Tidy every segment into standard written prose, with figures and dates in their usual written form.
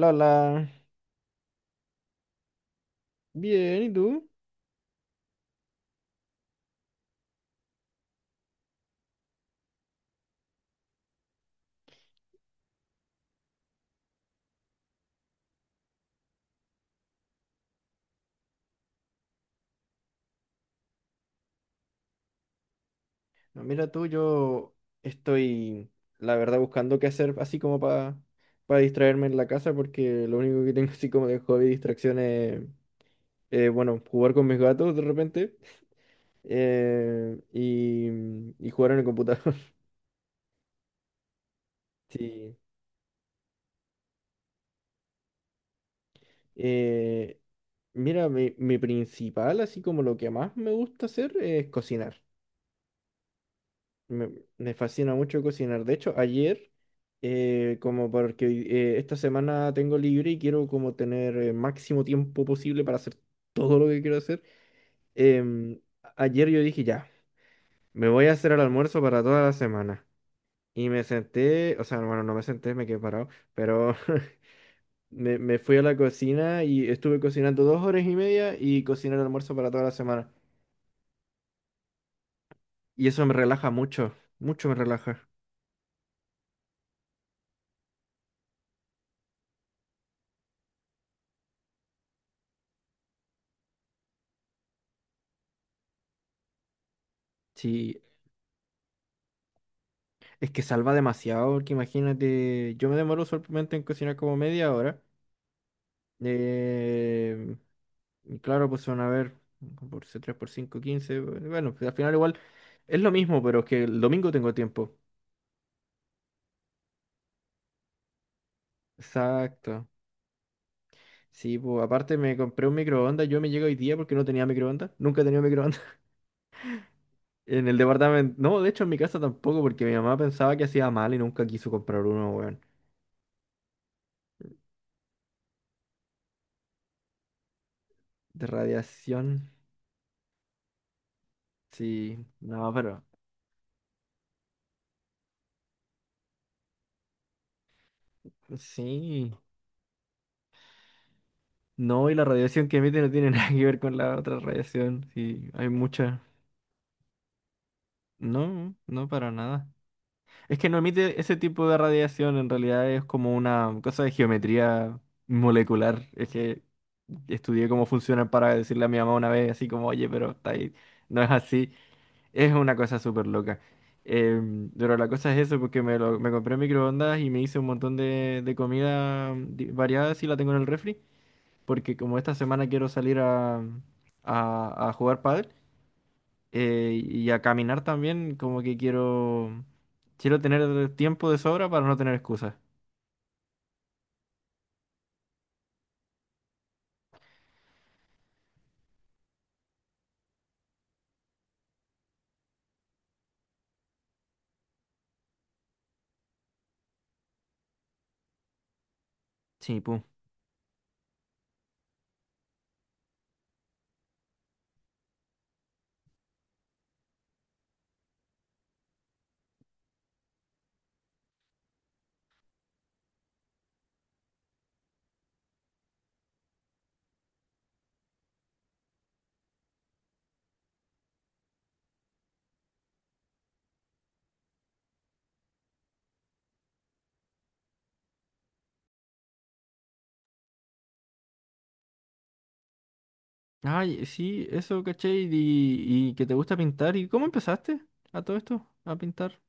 Lola, bien, ¿y tú? No, mira tú, yo estoy, la verdad, buscando qué hacer así como para distraerme en la casa, porque lo único que tengo así como de hobby y distracción es, bueno, jugar con mis gatos de repente eh, y, y jugar en el computador. Sí. Eh, mira, mi principal, así como lo que más me gusta hacer es cocinar. Me, me fascina mucho cocinar. De hecho, ayer, como porque esta semana tengo libre y quiero como tener el máximo tiempo posible para hacer todo lo que quiero hacer, em, ayer yo dije, ya, me voy a hacer el almuerzo para toda la semana. Y me senté, o sea, bueno, no me senté, me quedé parado, pero me fui a la cocina y estuve cocinando 2 horas y media y cociné el almuerzo para toda la semana. Y eso me relaja mucho, mucho me relaja. Sí, es que salva demasiado, porque imagínate, yo me demoro solamente en cocinar como media hora. eh, y claro, pues van a ver, 3 por 5 quince. Bueno, bueno, pues al final igual es lo mismo, pero es que el domingo tengo tiempo. Exacto. Sí, pues aparte me compré un microondas, yo me llego hoy día porque no tenía microondas, nunca he tenido microondas. En el departamento, no, de hecho en mi casa tampoco, porque mi mamá pensaba que hacía mal y nunca quiso comprar uno, weón. De radiación, sí, no, pero sí. No, y la radiación que emite no tiene nada que ver con la otra radiación. Sí, hay mucha. No, no para nada. Es que no emite ese tipo de radiación, en realidad es como una cosa de geometría molecular. Es que estudié cómo funcionan para decirle a mi mamá una vez, así como, oye, pero está ahí. No es así. Es una cosa súper loca. Pero la cosa es eso, porque me compré microondas y me hice un montón de comida variada, y la tengo en el refri. Porque como esta semana quiero salir a jugar pádel y a caminar también, como que quiero tener tiempo de sobra para no tener excusas. Sí, pum. Ay, sí, eso, caché, y que te gusta pintar. ¿Y cómo empezaste a todo esto? A pintar.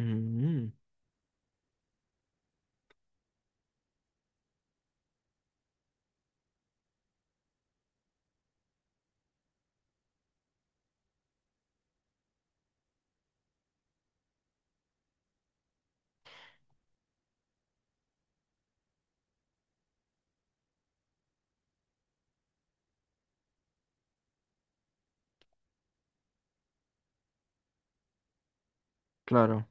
Mm, claro.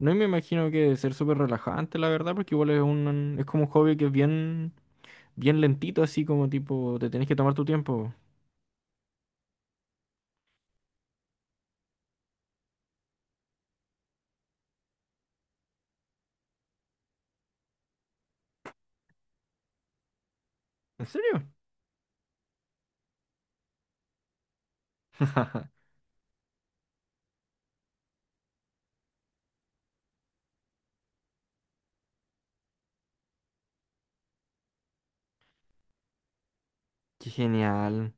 No, y me imagino que debe ser súper relajante, la verdad, porque igual es como un hobby que es bien, bien lentito, así como tipo, te tenés que tomar tu tiempo. ¿En serio? Qué genial.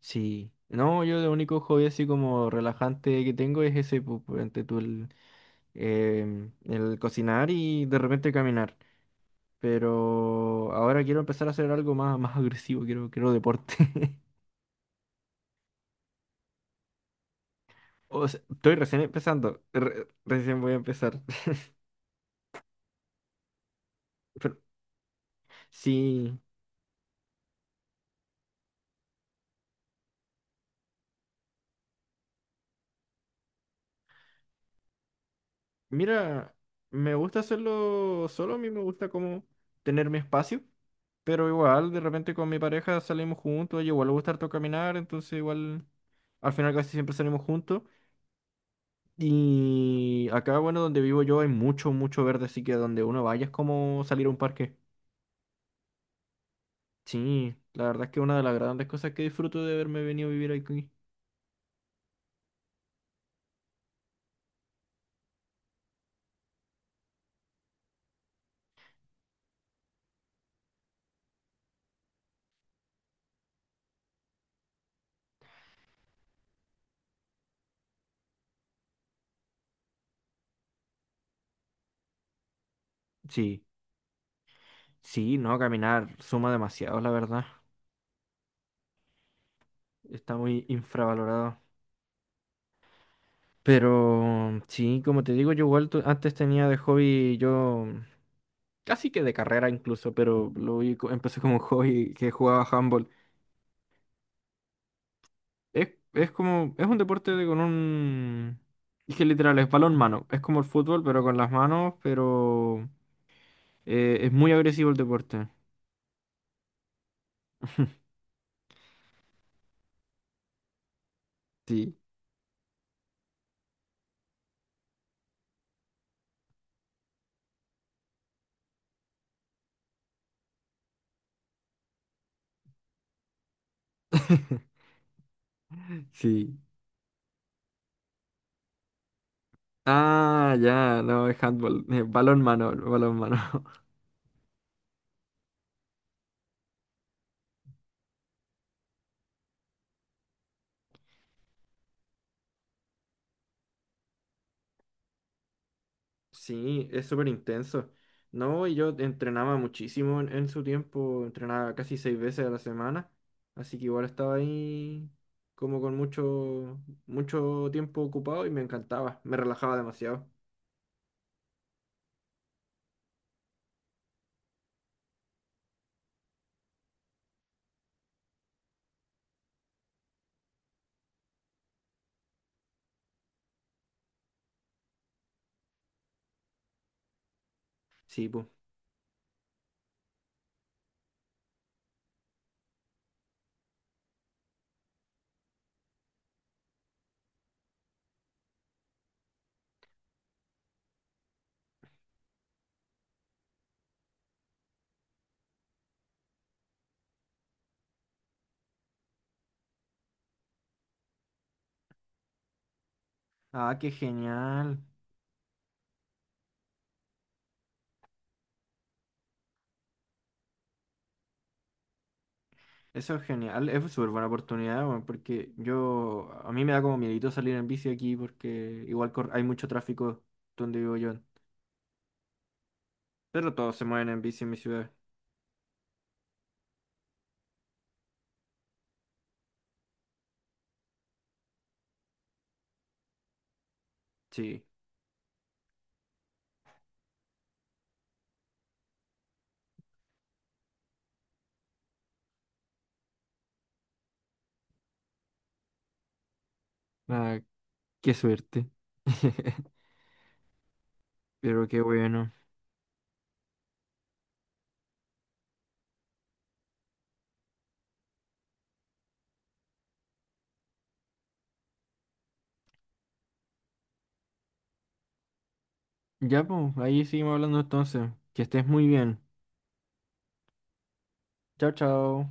Sí, no, yo lo único hobby así como relajante que tengo es ese, pues, ante tú el cocinar y de repente caminar. Pero ahora quiero empezar a hacer algo más, más agresivo, quiero deporte. O sea, estoy recién empezando, recién voy a empezar. Pero, sí, mira, me gusta hacerlo solo, a mí me gusta como tener mi espacio. Pero igual, de repente con mi pareja salimos juntos, y igual le gusta harto caminar, entonces igual al final casi siempre salimos juntos. Y acá, bueno, donde vivo yo hay mucho, mucho verde, así que donde uno vaya es como salir a un parque. Sí, la verdad es que una de las grandes cosas que disfruto de haberme venido a vivir aquí. Sí, sí, no, caminar suma demasiado, la verdad. Está muy infravalorado. Pero sí, como te digo, yo igual antes tenía de hobby yo casi que de carrera incluso, pero empecé como un hobby que jugaba handball. Es como, es un deporte con un... Es que literal, es balón mano. Es como el fútbol, pero con las manos, pero es muy agresivo el deporte. Sí, sí. Ah, ya, no, es handball. Balón mano, balón mano. Sí, es súper intenso. No, y yo entrenaba muchísimo en su tiempo, entrenaba casi seis veces a la semana, así que igual estaba ahí como con mucho, mucho tiempo ocupado y me encantaba, me relajaba demasiado. Sí, pues. Ah, qué genial. Eso es genial, es súper buena oportunidad, weón, porque yo, a mí me da como miedito salir en bici aquí porque igual hay mucho tráfico donde vivo yo, pero todos se mueven en bici en mi ciudad. Sí. Ah, qué suerte. Pero qué bueno. Ya, pues, ahí seguimos hablando entonces. Que estés muy bien. Chao, chao.